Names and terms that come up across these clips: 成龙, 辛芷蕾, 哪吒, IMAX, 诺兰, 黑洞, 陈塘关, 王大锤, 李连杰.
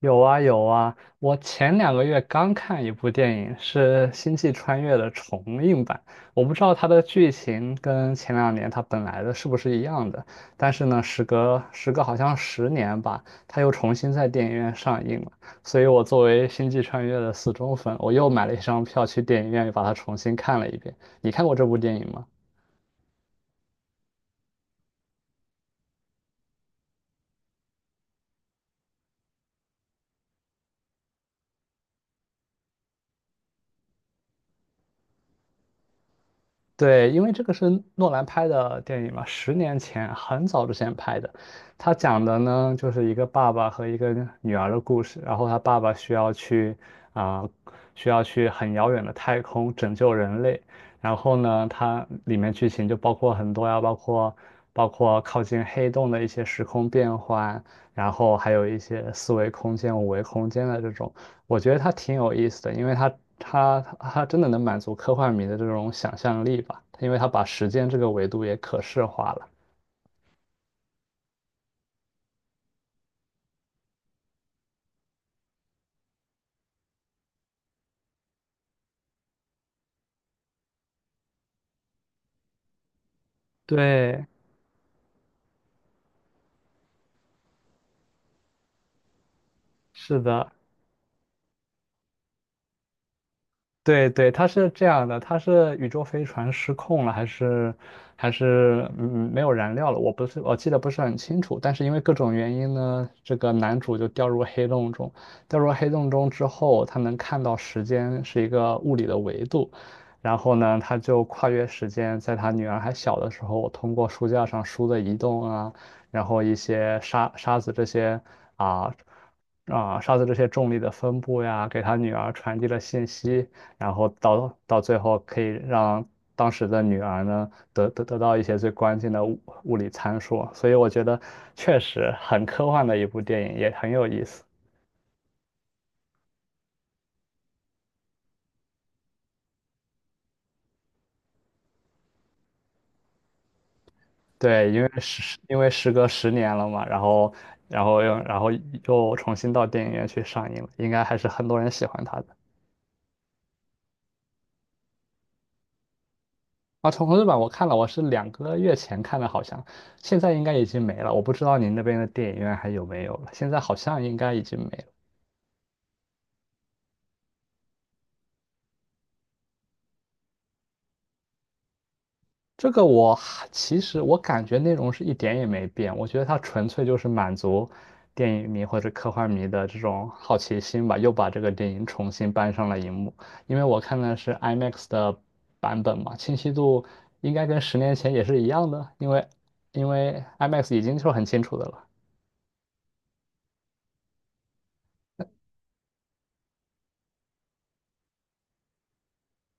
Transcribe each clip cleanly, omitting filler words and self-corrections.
有啊有啊，我前两个月刚看一部电影，是《星际穿越》的重映版。我不知道它的剧情跟前2年它本来的是不是一样的，但是呢，时隔好像十年吧，它又重新在电影院上映了。所以我作为《星际穿越》的死忠粉，我又买了一张票去电影院又把它重新看了一遍。你看过这部电影吗？对，因为这个是诺兰拍的电影嘛，十年前很早之前拍的。他讲的呢，就是一个爸爸和一个女儿的故事。然后他爸爸需要去啊、需要去很遥远的太空拯救人类。然后呢，它里面剧情就包括很多呀，包括靠近黑洞的一些时空变换，然后还有一些四维空间、五维空间的这种。我觉得它挺有意思的，因为它真的能满足科幻迷的这种想象力吧，因为它把时间这个维度也可视化了。对，是的。对对，它是这样的，它是宇宙飞船失控了，还是还是没有燃料了？我记得不是很清楚，但是因为各种原因呢，这个男主就掉入黑洞中，掉入黑洞中之后，他能看到时间是一个物理的维度，然后呢，他就跨越时间，在他女儿还小的时候，通过书架上书的移动啊，然后一些啊。沙子这些重力的分布呀，给他女儿传递了信息，然后到最后可以让当时的女儿呢得到一些最关键的物理参数，所以我觉得确实很科幻的一部电影，也很有意思。对，因为时隔十年了嘛，然后然后又然后又重新到电影院去上映了，应该还是很多人喜欢它的。啊，重制版我看了，我是2个月前看的，好像现在应该已经没了。我不知道您那边的电影院还有没有了，现在好像应该已经没了。这个我其实我感觉内容是一点也没变，我觉得它纯粹就是满足电影迷或者科幻迷的这种好奇心吧，又把这个电影重新搬上了荧幕。因为我看的是 IMAX 的版本嘛，清晰度应该跟十年前也是一样的，因为 IMAX 已经是很清楚的了。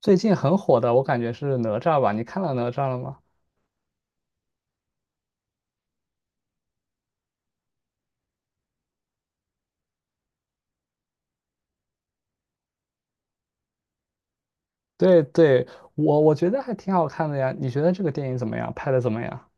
最近很火的，我感觉是哪吒吧？你看了哪吒了吗？对对，我觉得还挺好看的呀。你觉得这个电影怎么样？拍的怎么样？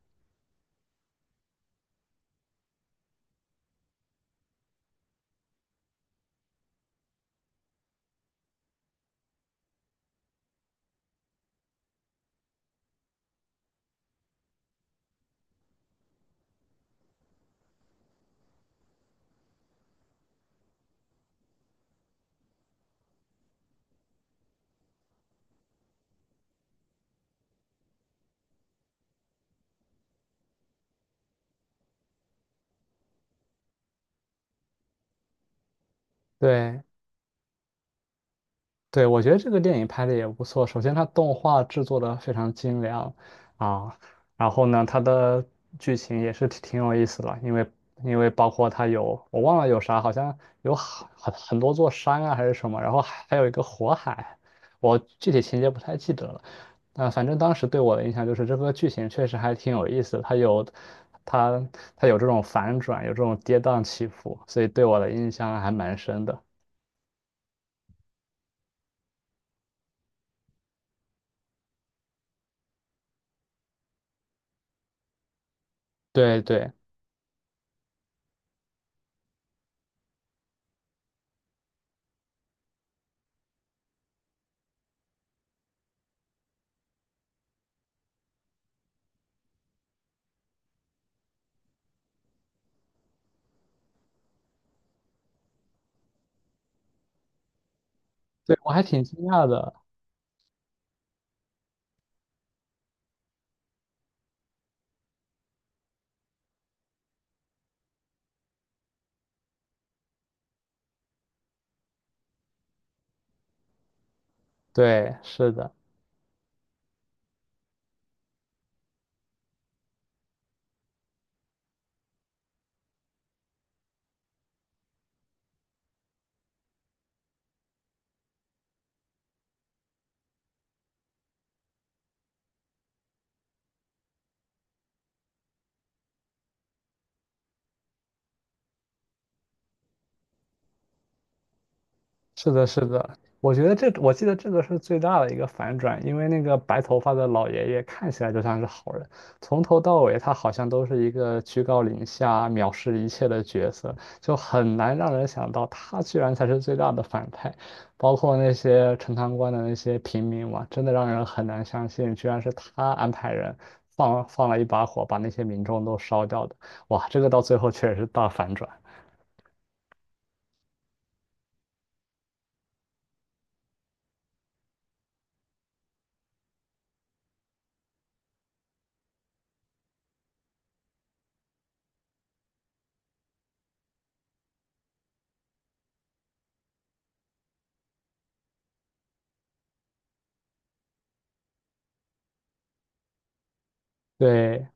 对，对，我觉得这个电影拍的也不错。首先，它动画制作的非常精良啊，然后呢，它的剧情也是挺有意思的，因为包括它有我忘了有啥，好像有很多座山啊还是什么，然后还有一个火海，我具体情节不太记得了。啊，反正当时对我的印象就是这个剧情确实还挺有意思的，它有它它有这种反转，有这种跌宕起伏，所以对我的印象还蛮深的。对对。对，我还挺惊讶的。对，是的，是的，是的。我记得这个是最大的一个反转，因为那个白头发的老爷爷看起来就像是好人，从头到尾他好像都是一个居高临下、藐视一切的角色，就很难让人想到他居然才是最大的反派。包括那些陈塘关的那些平民嘛，真的让人很难相信，居然是他安排人放了一把火，把那些民众都烧掉的。哇，这个到最后确实是大反转。对，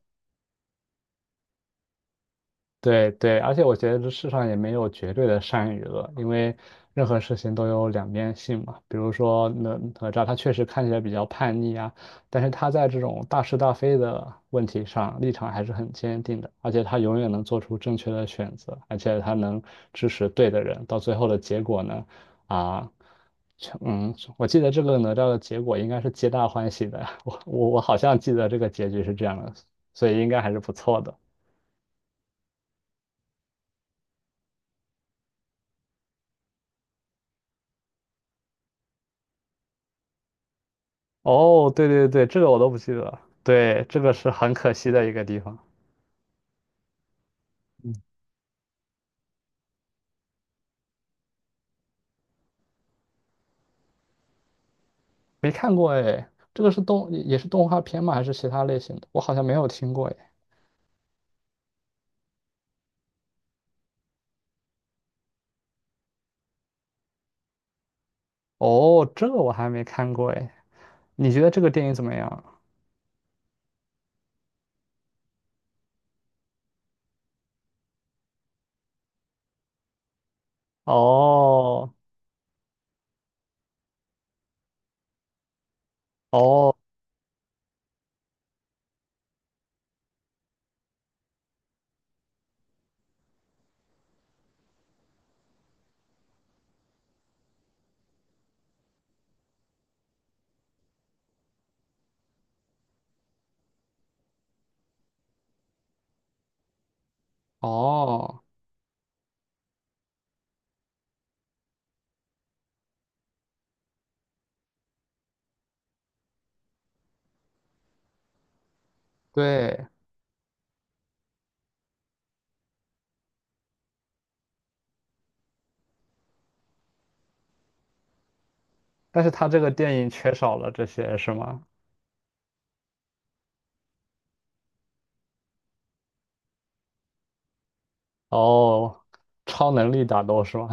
对对，而且我觉得这世上也没有绝对的善与恶，因为任何事情都有两面性嘛。比如说哪吒，他确实看起来比较叛逆啊，但是他在这种大是大非的问题上立场还是很坚定的，而且他永远能做出正确的选择，而且他能支持对的人，到最后的结果呢，啊，我记得这个哪吒的结果应该是皆大欢喜的，我好像记得这个结局是这样的，所以应该还是不错的。哦，对对对，这个我都不记得了。对，这个是很可惜的一个地方，没看过哎。这个也是动画片吗？还是其他类型的？我好像没有听过哎。哦，这个我还没看过哎。你觉得这个电影怎么样？哦哦哦，对，但是他这个电影缺少了这些是吗？哦，超能力打斗是吗？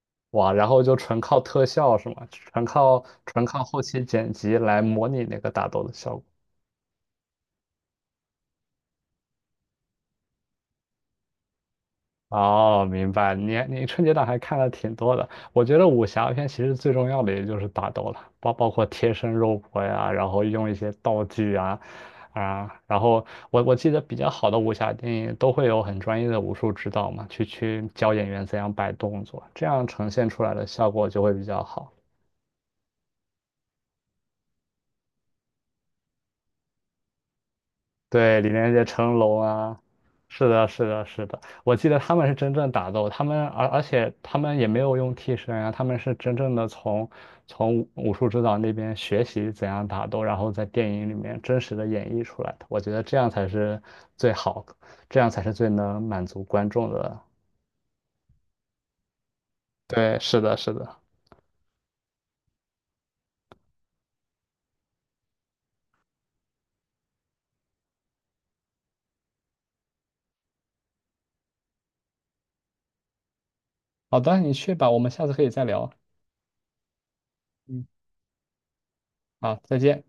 哇，然后就纯靠特效是吗？纯靠后期剪辑来模拟那个打斗的效果。哦，明白。你春节档还看了挺多的。我觉得武侠片其实最重要的也就是打斗了，包括贴身肉搏呀，然后用一些道具啊啊。然后我记得比较好的武侠电影都会有很专业的武术指导嘛，去教演员怎样摆动作，这样呈现出来的效果就会比较好。对，李连杰、成龙啊，是的，是的，是的，我记得他们是真正打斗，他们而且他们也没有用替身啊，他们是真正的从武术指导那边学习怎样打斗，然后在电影里面真实的演绎出来的。我觉得这样才是最好，这样才是最能满足观众的。对，是的，是的。好的，你去吧，我们下次可以再聊。嗯，好，再见。